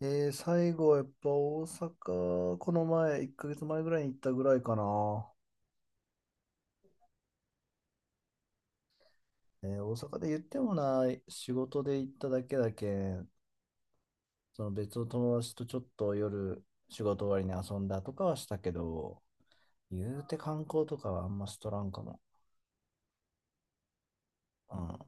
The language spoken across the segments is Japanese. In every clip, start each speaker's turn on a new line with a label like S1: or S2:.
S1: 最後はやっぱ大阪、この前、1ヶ月前ぐらいに行ったぐらいかな。大阪で言ってもない、仕事で行っただけだけ、その別の友達とちょっと夜、仕事終わりに遊んだとかはしたけど、言うて観光とかはあんましとらんかも。うん。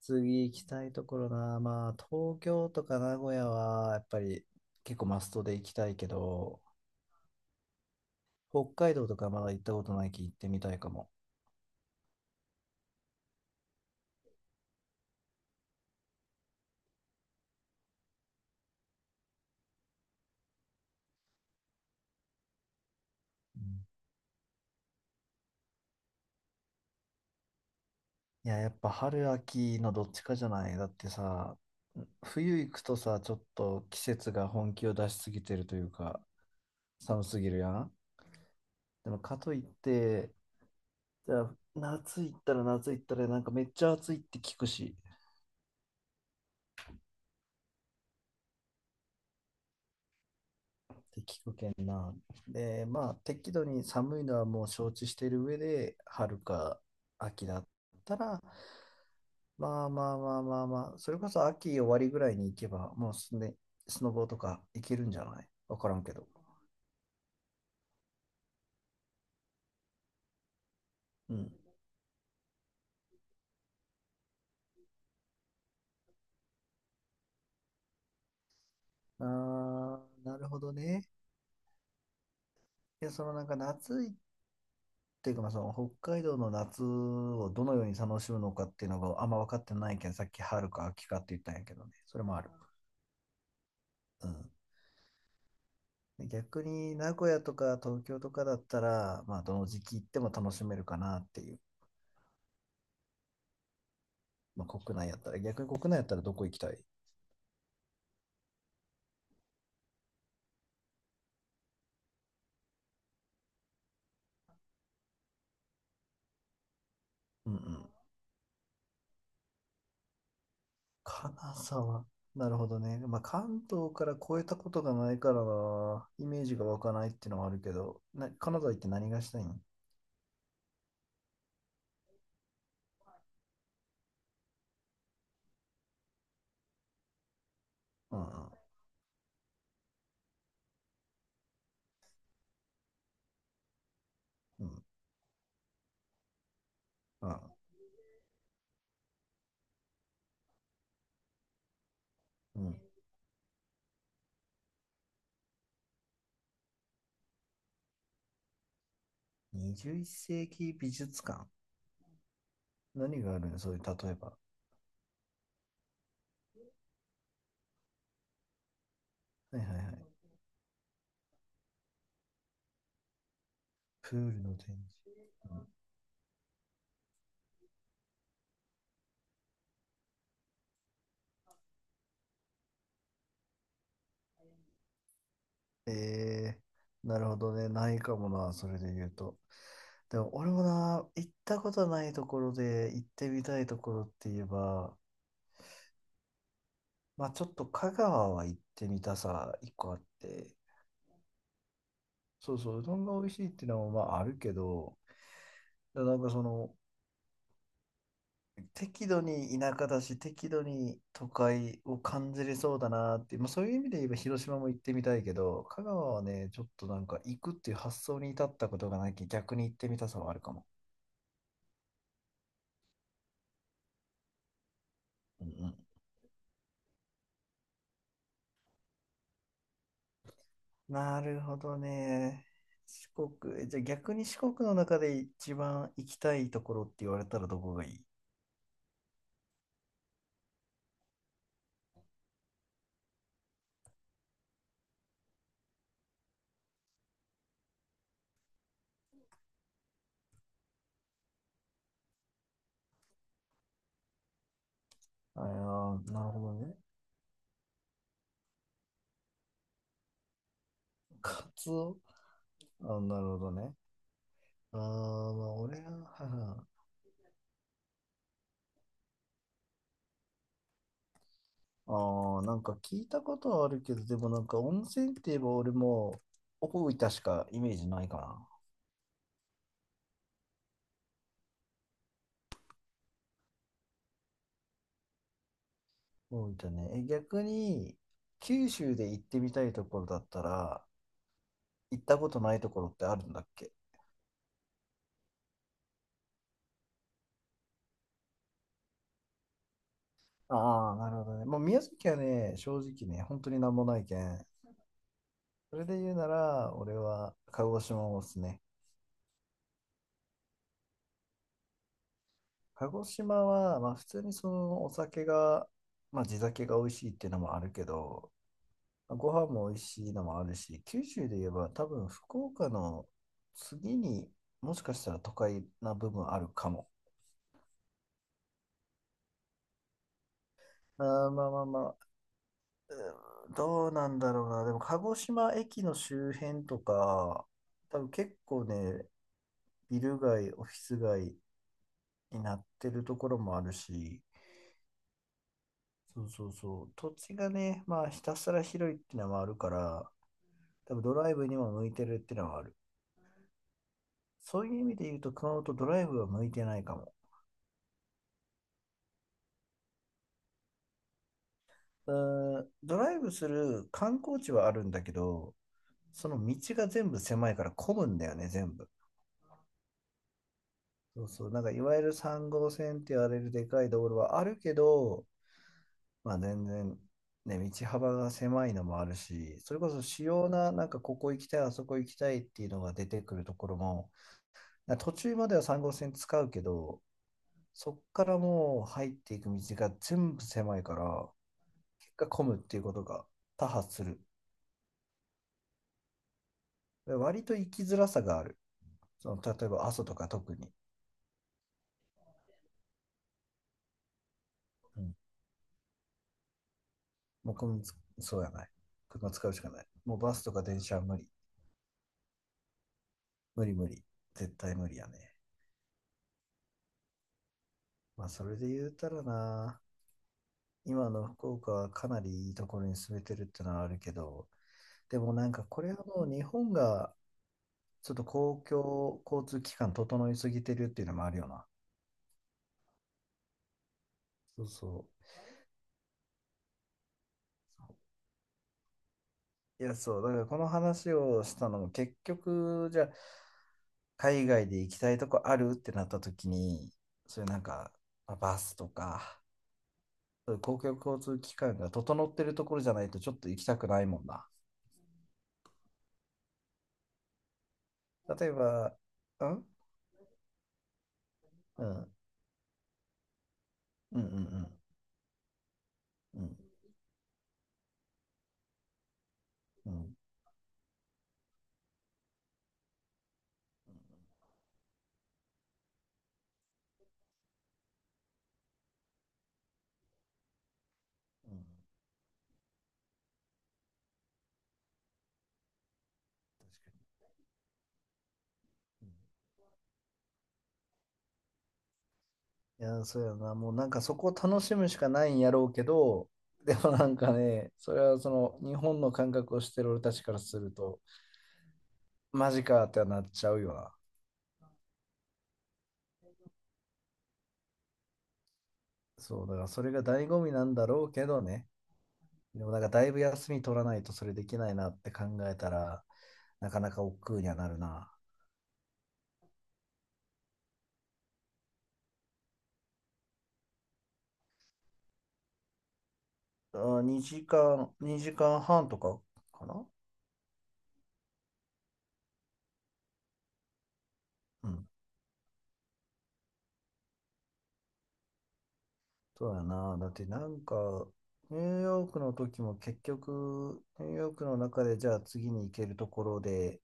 S1: 次行きたいところな、まあ東京とか名古屋はやっぱり結構マストで行きたいけど、北海道とかまだ行ったことないき行ってみたいかも。うん、いや、やっぱ春秋のどっちかじゃない？だってさ、冬行くとさ、ちょっと季節が本気を出しすぎてるというか、寒すぎるやん。でもかといって、じゃあ夏行ったらなんかめっちゃ暑いって聞くし、って聞くけんな。で、まあ適度に寒いのはもう承知してる上で、春か秋だったら、まあまあまあまあまあ、それこそ秋終わりぐらいに行けば、もうすね、スノボとか行けるんじゃない？わからんけど。うん。ああ、なるほどね。いや、そのなんか夏いっていうか、まあ、その北海道の夏をどのように楽しむのかっていうのがあんま分かってないけどさっき春か秋かって言ったんやけどね。それもある。うん。で逆に名古屋とか東京とかだったら、まあ、どの時期行っても楽しめるかなっていう。まあ、国内やったら、逆に国内やったらどこ行きたい？うんうん。金沢。なるほどね。まあ、関東から越えたことがないからなイメージが湧かないっていうのはあるけど、な、金沢行って何がしたいん？ああ、うん、ああ、うん。21世紀美術館。何があるのそういう、例えば。はいはいはい。プールの展示。うん、えなるほどね。ないかもな、それで言うと。でも、俺もな、行ったことないところで行ってみたいところって言えば、まあちょっと香川は行ってみたさ、一個あって。そうそう、うどんが美味しいっていうのはまああるけど、でなんかその、適度に田舎だし、適度に都会を感じれそうだなっていう、まあ、そういう意味で言えば広島も行ってみたいけど、香川はね、ちょっとなんか行くっていう発想に至ったことがないき、逆に行ってみたさはあるかも。うんうん、なるほどね。四国、じゃあ逆に四国の中で一番行きたいところって言われたらどこがいい？ああー、なるほどね。カツオ。あ、なるほどね。ああ、まあ俺は、はいはい。ああ、なんか聞いたことはあるけど、でもなんか温泉って言えば俺も大分しかイメージないかな。大分ね。え、逆に九州で行ってみたいところだったら、行ったことないところってあるんだっけ？ああ、なるほどね。もう宮崎はね、正直ね、本当になんもないけん。それで言うなら、俺は鹿児島をおすすめ。鹿児島は、まあ普通にそのお酒が、まあ地酒が美味しいっていうのもあるけど、ご飯も美味しいのもあるし、九州で言えば多分福岡の次にもしかしたら都会な部分あるかも。あーまあまあまあ、うーんどうなんだろうな。でも鹿児島駅の周辺とか、多分結構ね、ビル街、オフィス街になってるところもあるし、そうそうそう、土地がね、まあひたすら広いっていうのもあるから、多分ドライブにも向いてるっていうのはある。そういう意味で言うと熊本ドライブは向いてないかも。うんドライブする観光地はあるんだけど、その道が全部狭いから混むんだよね、全部。そうそう、なんかいわゆる3号線って言われるでかい道路はあるけど、まあ全然、ね、道幅が狭いのもあるし、それこそ主要な、なんかここ行きたい、あそこ行きたいっていうのが出てくるところも、なんか途中までは3号線使うけど、そっからもう入っていく道が全部狭いから、結果混むっていうことが多発する。で割と行きづらさがある。その例えば阿蘇とか特に、うん、もうこのそうやない。車使うしかない。もうバスとか電車は無理。無理無理。絶対無理やね。まあそれで言うたらな、今の福岡はかなりいいところに住めてるってのはあるけど、でもなんかこれはもう日本がちょっと公共交通機関整いすぎてるっていうのもあるよな。そうそう。いや、そう。だからこの話をしたのも結局、じゃあ海外で行きたいとこあるってなった時に、そういうなんか、まあバスとか、そういう公共交通機関が整ってるところじゃないとちょっと行きたくないもんな。例えば、うんうんうんうんうんうんうんうん、確かに。いやー、そうやな。もうなんかそこを楽しむしかないんやろうけど、でもなんかね、それはその日本の感覚をしてる俺たちからすると、マジかってなっちゃうよな。そう、だからそれが醍醐味なんだろうけどね。でもなんかだいぶ休み取らないとそれできないなって考えたら、なかなか億劫にはなるな。あ、2時間、2時間半とかかな。うん。そうやな。だってなんか、ニューヨークの時も結局、ニューヨークの中でじゃあ次に行けるところで、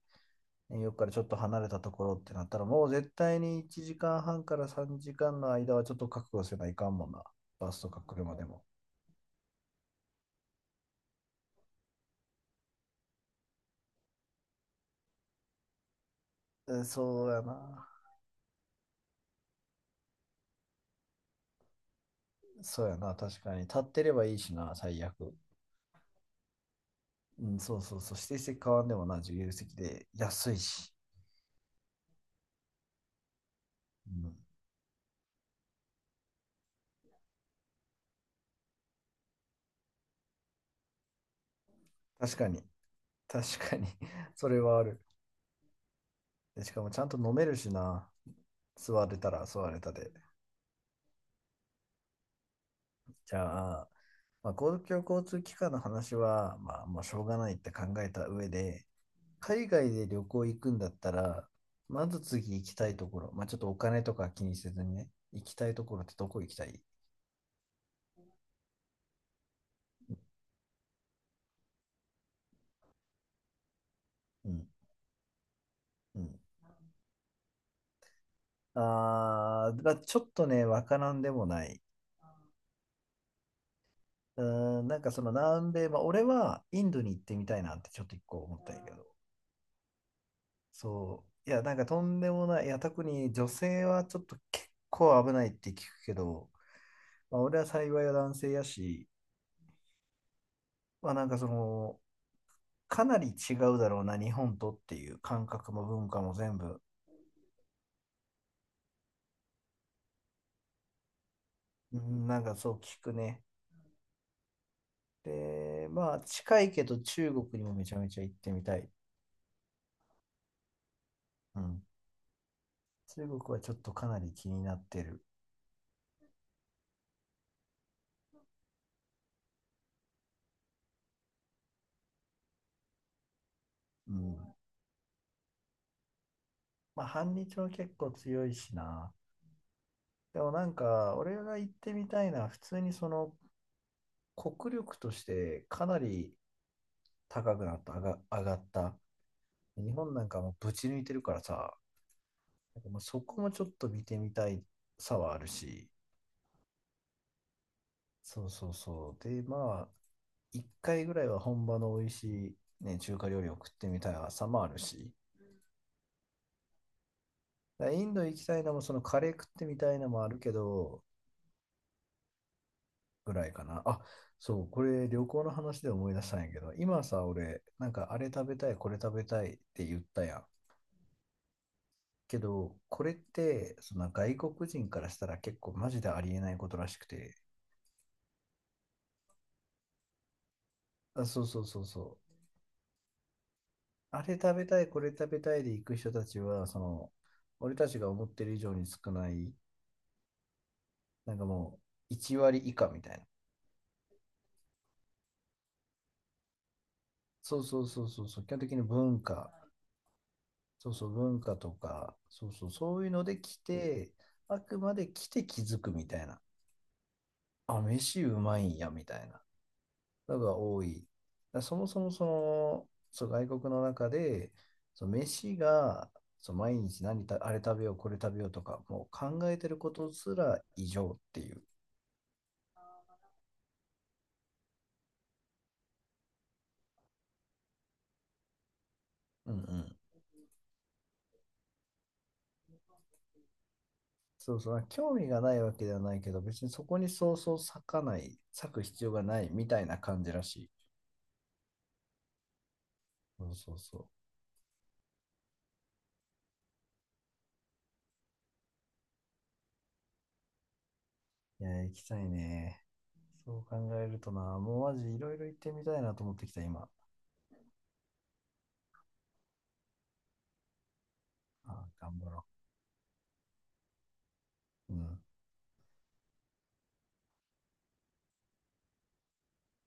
S1: ニューヨークからちょっと離れたところってなったら、もう絶対に1時間半から3時間の間はちょっと覚悟せないかんもんな。バスとか車でも。えそうやな。そうやな。確かに。立ってればいいしな、最悪。うん、そうそうそう、指定席変わんでもな、自由席で安いし。うん、確かに、確かに。 それはある。でしかもちゃんと飲めるしな、座れたら座れたで。じゃあ、まあ、公共交通機関の話は、まあ、もうしょうがないって考えた上で、海外で旅行行くんだったら、まず次行きたいところ、まあ、ちょっとお金とか気にせずにね、行きたいところってどこ行きたい？うん、うん。あー、まあ、ちょっとね、わからんでもない。うーん、なんかその南米、まあ、俺はインドに行ってみたいなってちょっと一個思ったんやけど、そう、いや、なんかとんでもない、いや、特に女性はちょっと結構危ないって聞くけど、まあ、俺は幸いは男性やし、まあなんかその、かなり違うだろうな、日本とっていう感覚も文化も全部、うん、なんかそう聞くね。で、まあ近いけど中国にもめちゃめちゃ行ってみたい。うん、中国はちょっとかなり気になってる。うん、まあ、反日も結構強いしな。でもなんか、俺が行ってみたいのは、普通にその国力としてかなり高くなった、上がった。日本なんかもうぶち抜いてるからさ、なんかもうそこもちょっと見てみたいさはあるし、そうそうそう。で、まあ、一回ぐらいは本場の美味しい、ね、中華料理を食ってみたいさもあるし、だからインド行きたいのも、そのカレー食ってみたいのもあるけど、ぐらいかな。あ、そう、これ旅行の話で思い出したんやけど、今さ、俺、なんかあれ食べたい、これ食べたいって言ったやん。けど、これって、その外国人からしたら結構マジでありえないことらしくて、あ、そうそうそうそう。あれ食べたい、これ食べたいで行く人たちは、その、俺たちが思ってる以上に少ない、なんかもう、1割以下みたいな。そうそうそうそうそう、基本的に文化、そうそう、文化とか、そうそう、そういうので来て、あくまで来て気づくみたいな。あ、飯うまいんや、みたいなのが多い。だからそもそもその、そう、外国の中で、そう、飯が、そう、毎日あれ食べよう、これ食べようとか、もう考えてることすら異常っていう。うんうん。そうそう、興味がないわけではないけど、別にそこにそうそう割かない、割く必要がないみたいな感じらしい。そうそうそう。いや、行きたいね。そう考えるとな、もうマジいろいろ行ってみたいなと思ってきた、今。あー頑張ろう。うん。